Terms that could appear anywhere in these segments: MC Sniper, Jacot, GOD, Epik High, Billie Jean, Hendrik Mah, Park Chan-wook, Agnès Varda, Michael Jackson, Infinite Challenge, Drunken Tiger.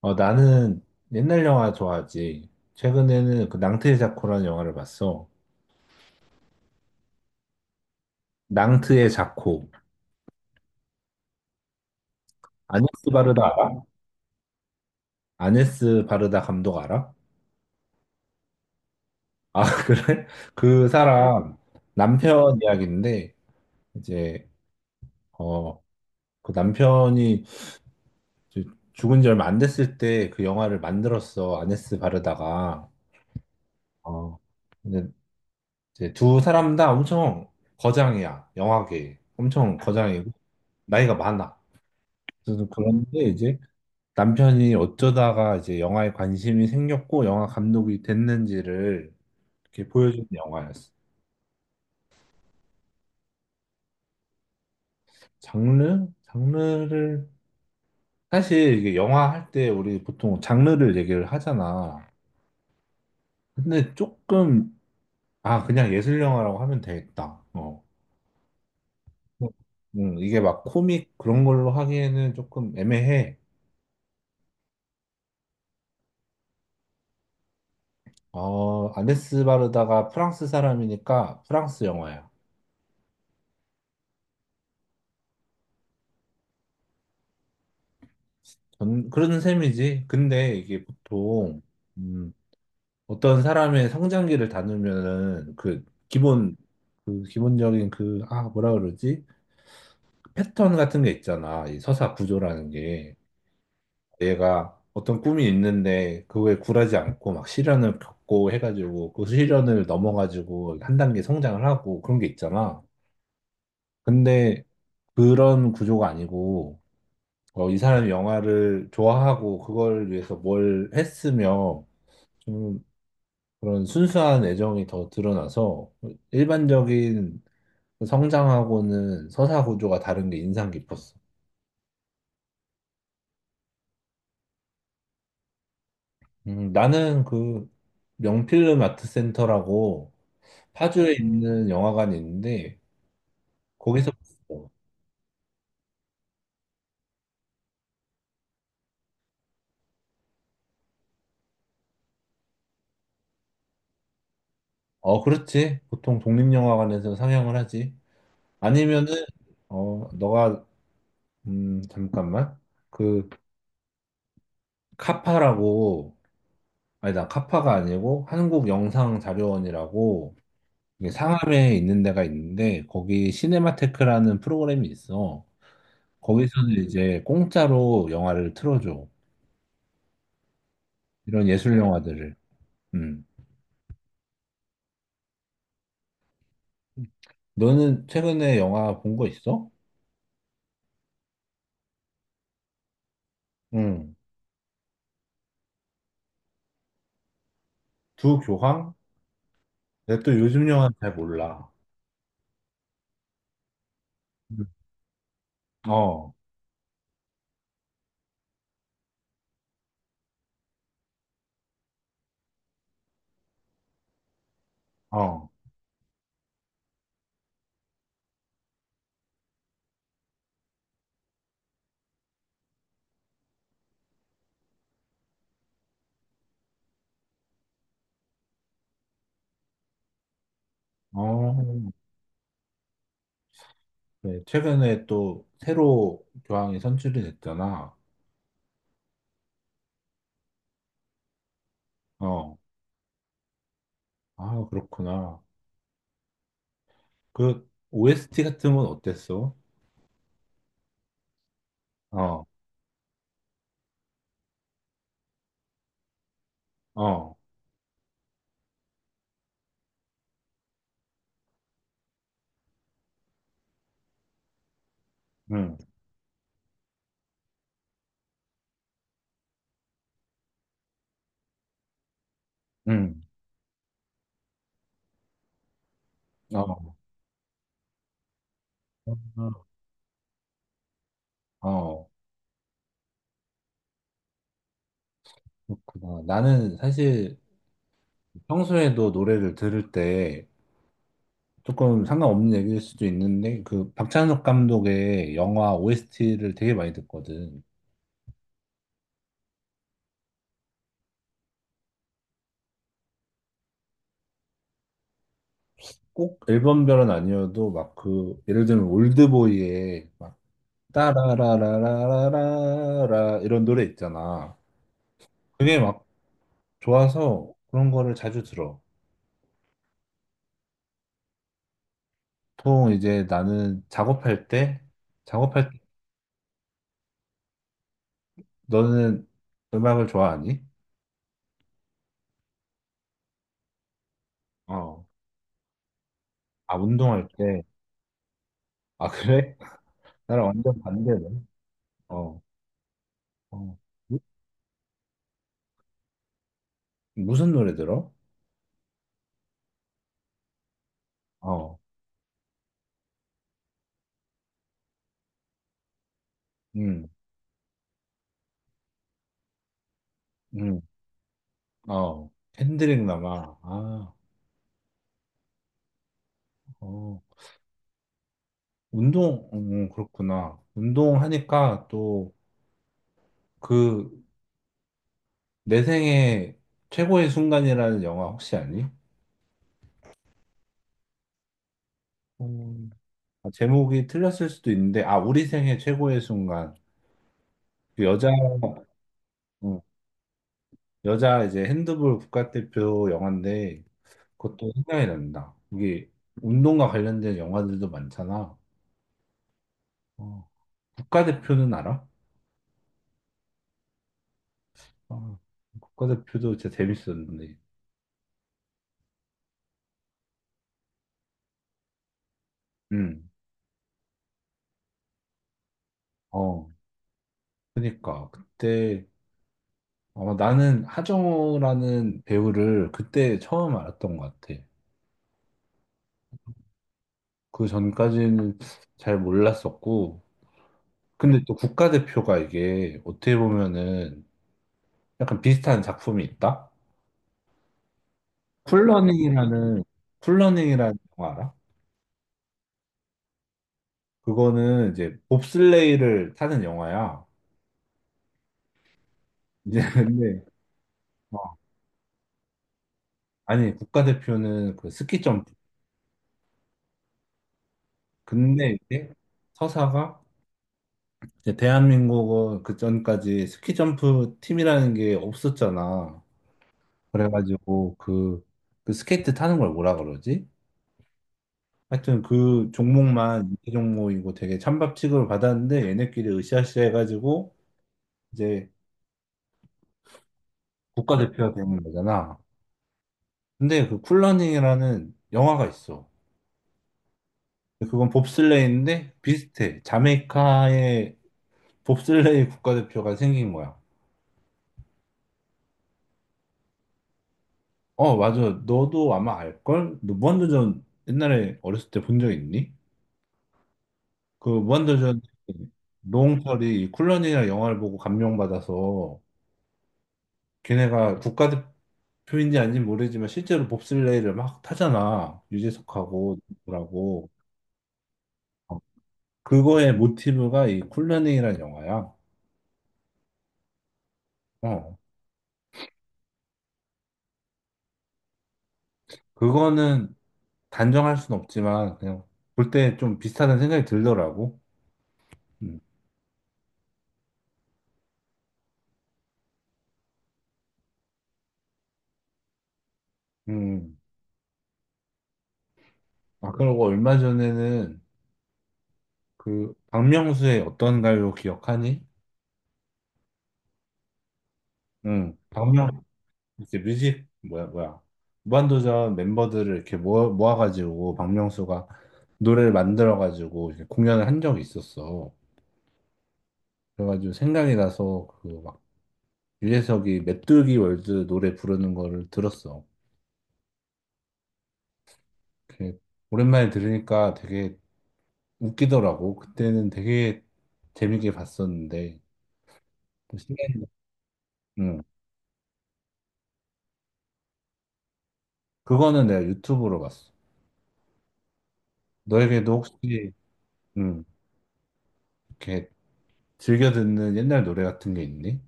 나는 옛날 영화 좋아하지. 최근에는 그 낭트의 자코라는 영화를 봤어. 낭트의 자코. 아네스 바르다 알아? 아네스 바르다 감독 알아? 아, 그래? 그 사람 남편 이야기인데, 이제, 어, 그 남편이 이제 죽은 지 얼마 안 됐을 때 그 영화를 만들었어. 아네스 바르다가. 어, 근데 이제 두 사람 다 엄청 거장이야. 영화계. 엄청 거장이고, 나이가 많아. 그래서 그런데 이제 남편이 어쩌다가 이제 영화에 관심이 생겼고 영화 감독이 됐는지를 이렇게 보여주는 영화였어. 장르? 장르를 사실 이게 영화 할 때 우리 보통 장르를 얘기를 하잖아. 근데 조금 아 그냥 예술 영화라고 하면 되겠다. 어. 이게 막 코믹 그런 걸로 하기에는 조금 애매해. 아네스 바르다가 프랑스 사람이니까 프랑스 영화야. 그런 셈이지. 근데 이게 보통, 음, 어떤 사람의 성장기를 다루면은 그 기본 그 기본적인 그 뭐라 그러지? 패턴 같은 게 있잖아. 이 서사 구조라는 게 얘가 어떤 꿈이 있는데 그거에 굴하지 않고 막 시련을 겪고 해가지고 그 시련을 넘어가지고 한 단계 성장을 하고 그런 게 있잖아. 근데 그런 구조가 아니고 이 사람이 영화를 좋아하고 그걸 위해서 뭘 했으며 그런 순수한 애정이 더 드러나서 일반적인 성장하고는 서사 구조가 다른 게 인상 깊었어. 나는 그 명필름 아트센터라고 파주에 있는 영화관이 있는데 거기서 봤어. 어, 그렇지. 보통 독립영화관에서 상영을 하지. 아니면은 너가 잠깐만. 그 카파라고 아니 나 카파가 아니고 한국영상자료원이라고 이게 상암에 있는 데가 있는데 거기 시네마테크라는 프로그램이 있어. 거기서는 이제 공짜로 영화를 틀어줘. 이런 예술 영화들을. 음. 너는 최근에 영화 본 거 있어? 응. 두 교황? 내가 또 요즘 영화 잘 몰라. 음. 어, 어, 어. 그래. 최근에 또 새로 교황이 선출이 됐잖아. 어. 아, 그렇구나. 그 OST 같은 건 어땠어? 어, 어. 응, 응. 어, 어, 그렇구나. 나는 사실 평소에도 노래를 들을 때 조금 상관없는 얘기일 수도 있는데 그 박찬욱 감독의 영화 OST를 되게 많이 듣거든. 꼭 앨범별은 아니어도 막 그 예를 들면 올드보이의 막 따라라라라라라 이런 노래 있잖아. 그게 막 좋아서 그런 거를 자주 들어. 보통 이제 나는 작업할 때 작업할 때 너는 음악을 좋아하니? 어. 아, 운동할 때. 아, 그래? 나랑 완전 반대네. 어, 어. 무- 무슨 노래 들어? 어, 음, 음, 어. 핸드릭 남아. 아, 어. 운동, 그렇구나. 운동하니까 또 그, 내 생애 최고의 순간이라는 영화 혹시 아니? 음. 아, 제목이 틀렸을 수도 있는데, 아, 우리 생애 최고의 순간. 그 여자, 어, 여자 이제 핸드볼 국가대표 영화인데, 그것도 생각이 난다. 이게 운동과 관련된 영화들도 많잖아. 어, 국가대표는 알아? 어, 국가대표도 진짜 재밌었는데. 음. 어, 그러니까 그때 아마 나는 하정우라는 배우를 그때 처음 알았던 것 같아. 그 전까지는 잘 몰랐었고, 근데 또 국가대표가 이게 어떻게 보면은 약간 비슷한 작품이 있다. 쿨러닝이라는 쿨러닝이라는 영화 알아? 그거는 이제 봅슬레이를 타는 영화야. 이제 근데 어, 아니 국가대표는 그 스키 점프. 근데 이제 서사가 이제 대한민국은 그 전까지 스키 점프 팀이라는 게 없었잖아. 그래가지고 그, 그 스케이트 타는 걸 뭐라 그러지? 하여튼 그 종목만 인기 종목이고 되게 찬밥 취급을 받았는데 얘네끼리 으쌰으쌰 해가지고 이제 국가대표가 되는 거잖아. 근데 그 쿨러닝이라는 영화가 있어. 근데 그건 봅슬레이인데 비슷해. 자메이카의 봅슬레이 국가대표가 생긴 거야. 어, 맞아. 너도 아마 알걸? 너 무한도전 옛날에 어렸을 때 본 적 있니? 그 무한도전 노홍철이 이 쿨런이라 영화를 보고 감명받아서 걔네가 국가대표인지 아닌지 모르지만 실제로 봅슬레이를 막 타잖아. 유재석하고 누구라고. 어, 그거의 모티브가 이 쿨런이라는 영화야. 어. 그거는 단정할 순 없지만 그냥 볼 때 좀 비슷하다는 생각이 들더라고. 음. 음. 아, 그리고 얼마 전에는 그 박명수의 어떤 가요 기억하니? 응. 박명 이제 뮤직 뭐야 뭐야 무한도전 멤버들을 이렇게 모아 모아가지고 박명수가 노래를 만들어가지고 이렇게 공연을 한 적이 있었어. 그래가지고 생각이 나서 그 막 유재석이 메뚜기 월드 노래 부르는 거를 들었어. 이렇게 오랜만에 들으니까 되게 웃기더라고. 그때는 되게 재밌게 봤었는데, 또 신기한, 응. 그거는 내가 유튜브로 봤어. 너에게도 혹시, 응, 이렇게 즐겨 듣는 옛날 노래 같은 게 있니?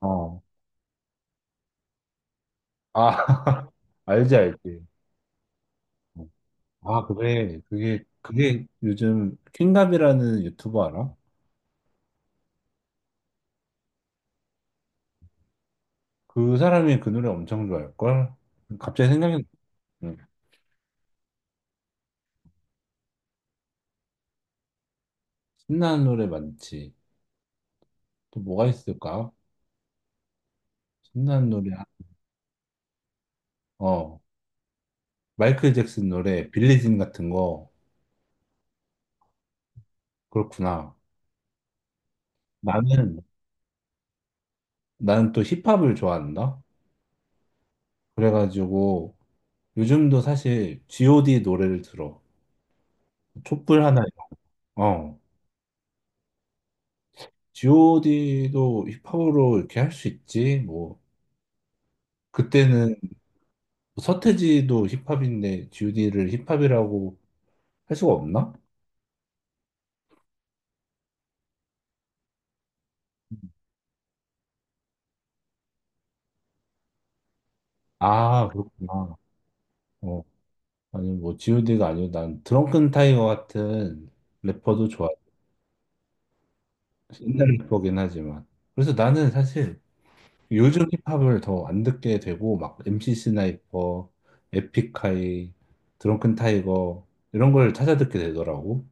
어. 아, 알지, 알지. 아, 그래. 그게, 그게 요즘 킹갑이라는 유튜버 알아? 그 사람이 그 노래 엄청 좋아할걸? 갑자기 생각이, 응. 신나는 노래 많지. 또 뭐가 있을까? 신나는 노래, 어. 마이클 잭슨 노래, 빌리진 같은 거, 그렇구나. 나는, 나는 또 힙합을 좋아한다? 그래가지고, 요즘도 사실 GOD 노래를 들어. 촛불 하나, 어. GOD도 힙합으로 이렇게 할 수 있지? 뭐, 그때는 뭐 서태지도 힙합인데 GOD를 힙합이라고 할 수가 없나? 아, 그렇구나. 어. 아니, 뭐, GOD가 아니고 난 드렁큰 타이거 같은 래퍼도 좋아. 옛날 래퍼긴 하지만. 그래서 나는 사실 요즘 힙합을 더 안 듣게 되고 막 MC 스나이퍼, 에픽하이, 드렁큰 타이거 이런 걸 찾아 듣게 되더라고.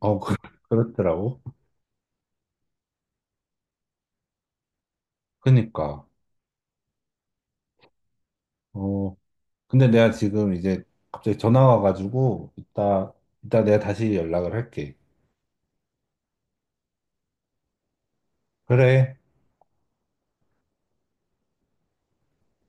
어 그- 그렇더라고. 그니까 어 근데 내가 지금 이제 갑자기 전화 와가지고 이따 내가 다시 연락을 할게. 그래.